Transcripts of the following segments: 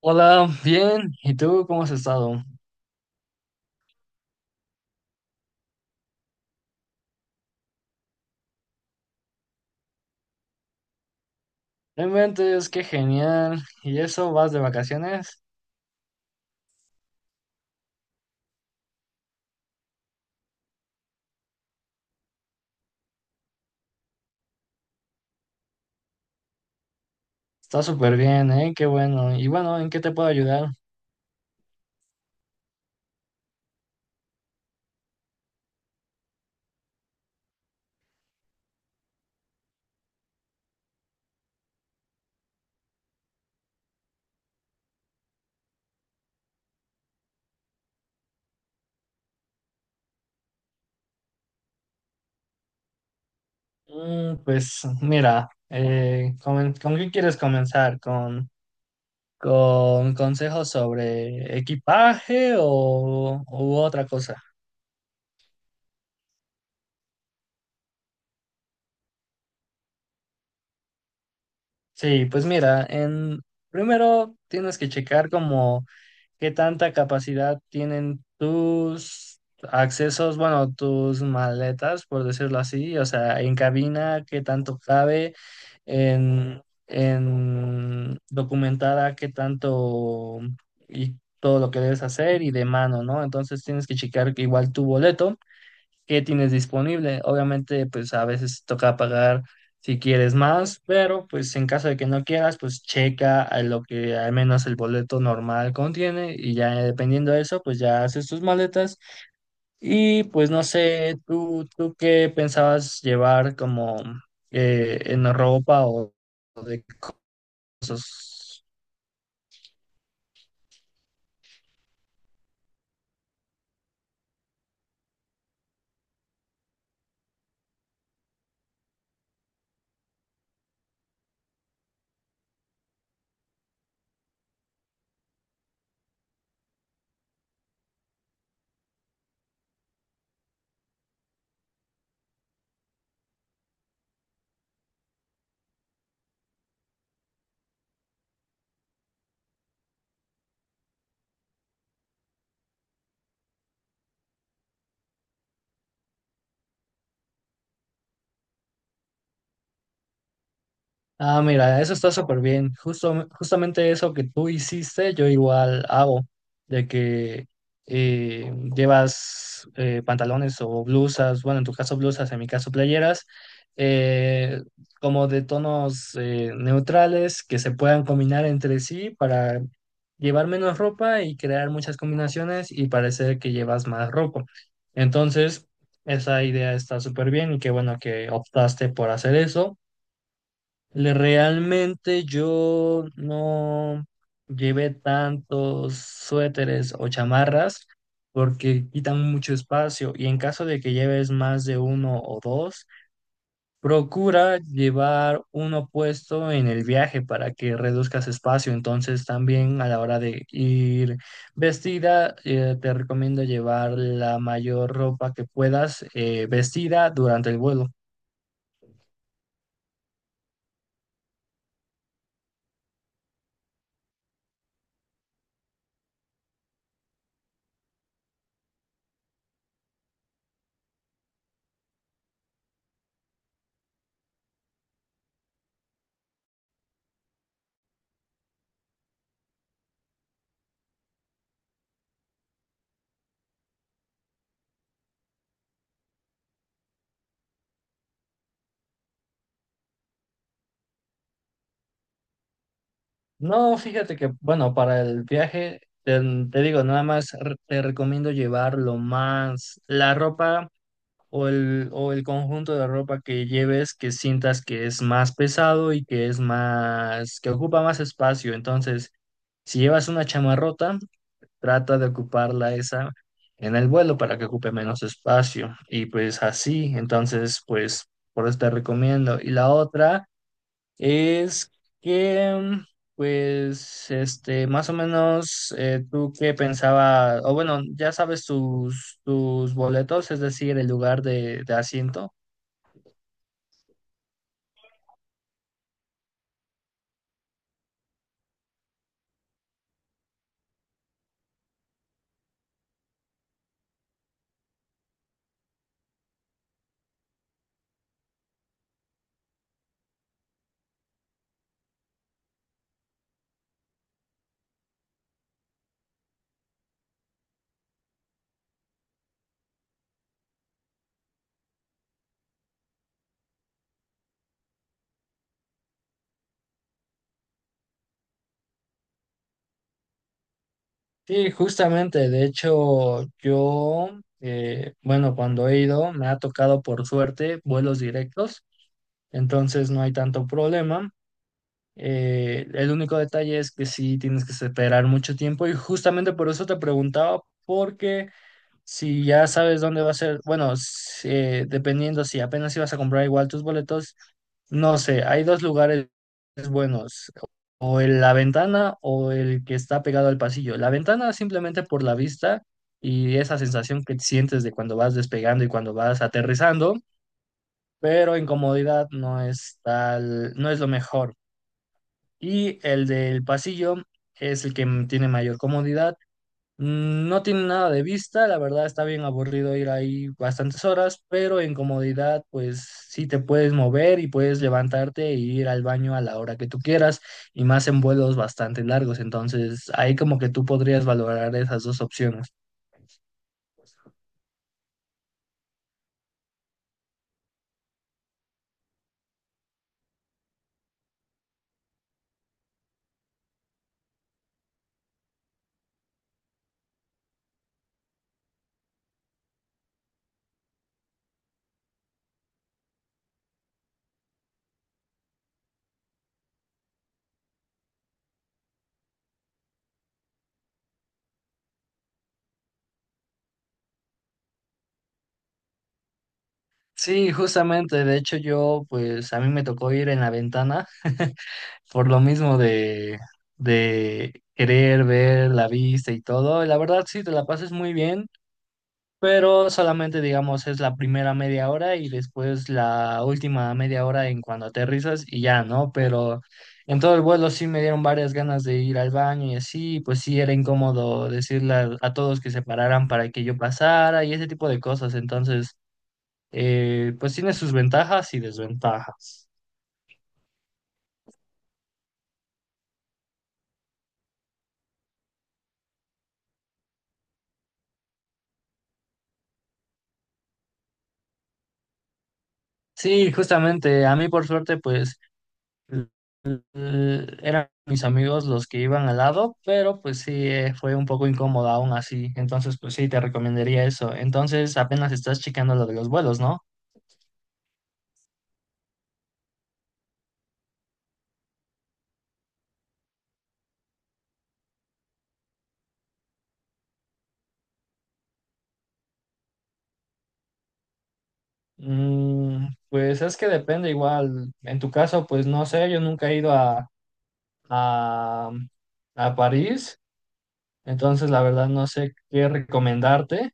Hola, bien. ¿Y tú cómo has estado? Realmente es que genial. ¿Y eso vas de vacaciones? Está súper bien, ¿eh? Qué bueno. Y bueno, ¿en qué te puedo ayudar? Pues mira, ¿con qué quieres comenzar? ¿Con consejos sobre equipaje o u otra cosa? Sí, pues mira, en primero tienes que checar como ¿qué tanta capacidad tienen tus accesos, bueno, tus maletas, por decirlo así? O sea, en cabina, ¿qué tanto cabe? En, en documentada, ¿qué tanto y todo lo que debes hacer? Y de mano, ¿no? Entonces tienes que checar que igual tu boleto qué tienes disponible. Obviamente, pues a veces toca pagar si quieres más, pero pues en caso de que no quieras, pues checa a lo que al menos el boleto normal contiene y ya dependiendo de eso, pues ya haces tus maletas y pues no sé, tú qué pensabas llevar como en ropa o de cosas. Ah, mira, eso está súper bien. Justo, justamente eso que tú hiciste, yo igual hago, de que llevas pantalones o blusas, bueno, en tu caso blusas, en mi caso playeras, eh, como de tonos neutrales que se puedan combinar entre sí para llevar menos ropa y crear muchas combinaciones y parecer que llevas más ropa. Entonces, esa idea está súper bien y qué bueno que optaste por hacer eso. Realmente yo no llevé tantos suéteres o chamarras porque quitan mucho espacio y en caso de que lleves más de uno o dos, procura llevar uno puesto en el viaje para que reduzcas espacio. Entonces también a la hora de ir vestida, te recomiendo llevar la mayor ropa que puedas vestida durante el vuelo. No, fíjate que, bueno, para el viaje, te digo, nada más te recomiendo llevar lo más, la ropa o o el conjunto de ropa que lleves, que sientas que es más pesado y que es más, que ocupa más espacio. Entonces, si llevas una chamarrota, trata de ocuparla esa en el vuelo para que ocupe menos espacio. Y pues así, entonces, pues, por eso te recomiendo. Y la otra. Es que, pues, este, más o menos, tú qué pensaba, o bueno, ya sabes tus boletos, es decir, el lugar de asiento. Sí, justamente, de hecho, yo, bueno, cuando he ido, me ha tocado por suerte vuelos directos, entonces no hay tanto problema. El único detalle es que sí tienes que esperar mucho tiempo y justamente por eso te preguntaba, porque si ya sabes dónde va a ser, bueno, dependiendo si apenas ibas a comprar igual tus boletos, no sé, hay dos lugares buenos, o el La Ventana o el que está pegado al pasillo. La Ventana simplemente por la vista y esa sensación que sientes de cuando vas despegando y cuando vas aterrizando, pero en comodidad no es tal, no es lo mejor. Y el del pasillo es el que tiene mayor comodidad. No tiene nada de vista, la verdad está bien aburrido ir ahí bastantes horas, pero en comodidad pues sí te puedes mover y puedes levantarte e ir al baño a la hora que tú quieras y más en vuelos bastante largos, entonces ahí como que tú podrías valorar esas dos opciones. Sí, justamente, de hecho yo, pues a mí me tocó ir en la ventana por lo mismo de querer ver la vista y todo. La verdad sí, te la pasas muy bien pero solamente digamos es la primera media hora y después la última media hora en cuando aterrizas y ya, ¿no? Pero en todo el vuelo sí me dieron varias ganas de ir al baño y así, pues sí era incómodo decirle a todos que se pararan para que yo pasara y ese tipo de cosas, entonces pues tiene sus ventajas y desventajas. Sí, justamente, a mí por suerte pues l- eran mis amigos los que iban al lado, pero pues sí, fue un poco incómodo aún así. Entonces, pues sí, te recomendaría eso. Entonces, apenas estás checando lo de los vuelos, ¿no? Pues es que depende igual. En tu caso, pues no sé, yo nunca he ido a, a París, entonces la verdad no sé qué recomendarte,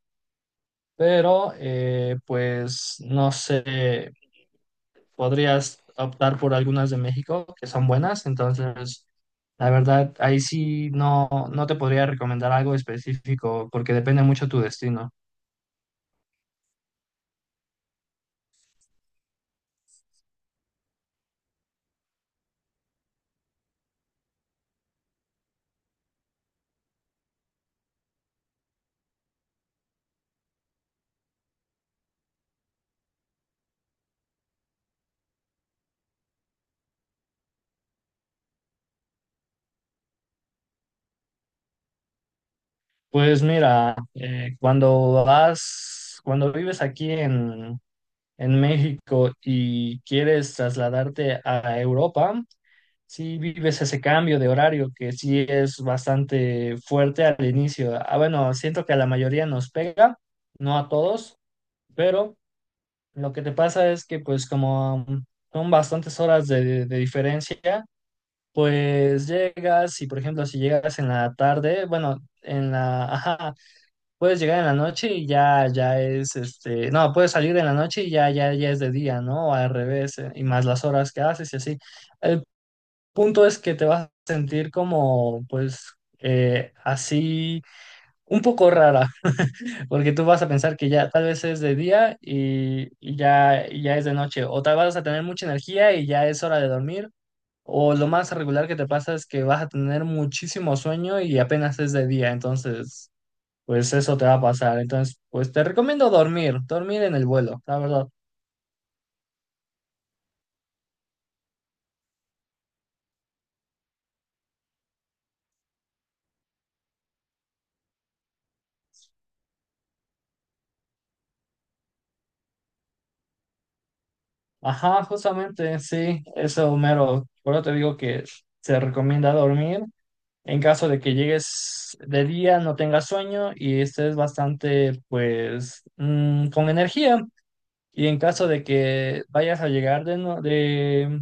pero pues no sé, podrías optar por algunas de México que son buenas, entonces la verdad ahí sí no, no te podría recomendar algo específico porque depende mucho tu destino. Pues mira, cuando vas, cuando vives aquí en México y quieres trasladarte a Europa, si vives ese cambio de horario que sí es bastante fuerte al inicio. Ah, bueno, siento que a la mayoría nos pega, no a todos, pero lo que te pasa es que pues como son bastantes horas de diferencia, pues llegas y por ejemplo si llegas en la tarde, bueno, en la, ajá, puedes llegar en la noche y ya, ya es este, no, puedes salir en la noche y ya, ya, ya es de día, ¿no? O al revés, y más las horas que haces y así. El punto es que te vas a sentir como pues así un poco rara. Porque tú vas a pensar que ya tal vez es de día y, y ya es de noche, o tal vas a tener mucha energía y ya es hora de dormir, o lo más regular que te pasa es que vas a tener muchísimo sueño y apenas es de día, entonces pues eso te va a pasar. Entonces, pues te recomiendo dormir en el vuelo, la verdad. Ajá, justamente, sí, eso, Homero. Por eso te digo que se recomienda dormir en caso de que llegues de día, no tengas sueño y estés bastante, pues, con energía. Y en caso de que vayas a llegar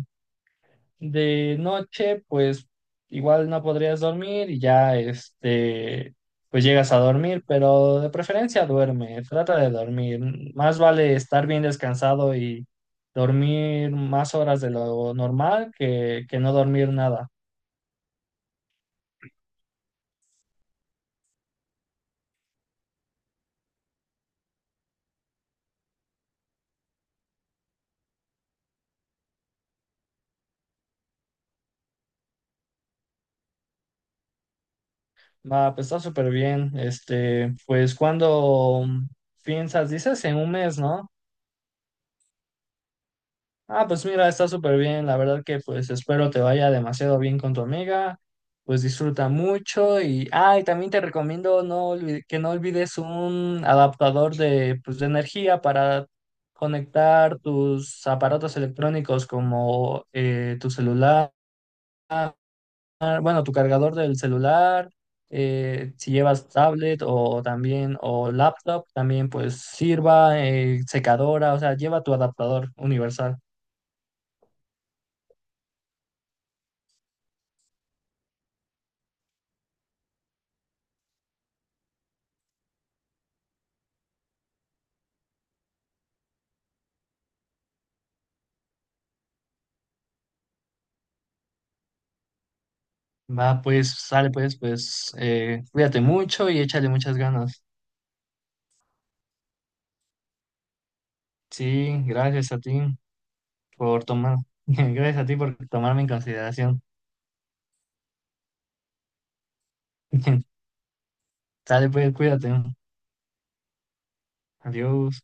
de noche, pues igual no podrías dormir y ya, este, pues llegas a dormir, pero de preferencia duerme, trata de dormir. Más vale estar bien descansado y dormir más horas de lo normal que no dormir nada. Va, pues está súper bien. Este, pues cuando piensas, dices en un mes, ¿no? Ah, pues mira, está súper bien. La verdad que pues espero te vaya demasiado bien con tu amiga. Pues disfruta mucho y, ah, y también te recomiendo no que no olvides un adaptador de, pues, de energía para conectar tus aparatos electrónicos como tu celular, bueno, tu cargador del celular, si llevas tablet o también o laptop, también pues sirva, secadora, o sea, lleva tu adaptador universal. Va, pues, sale pues, pues, cuídate mucho y échale muchas ganas. Sí, gracias a ti por tomar, gracias a ti por tomarme en consideración. Sale pues, cuídate. Adiós.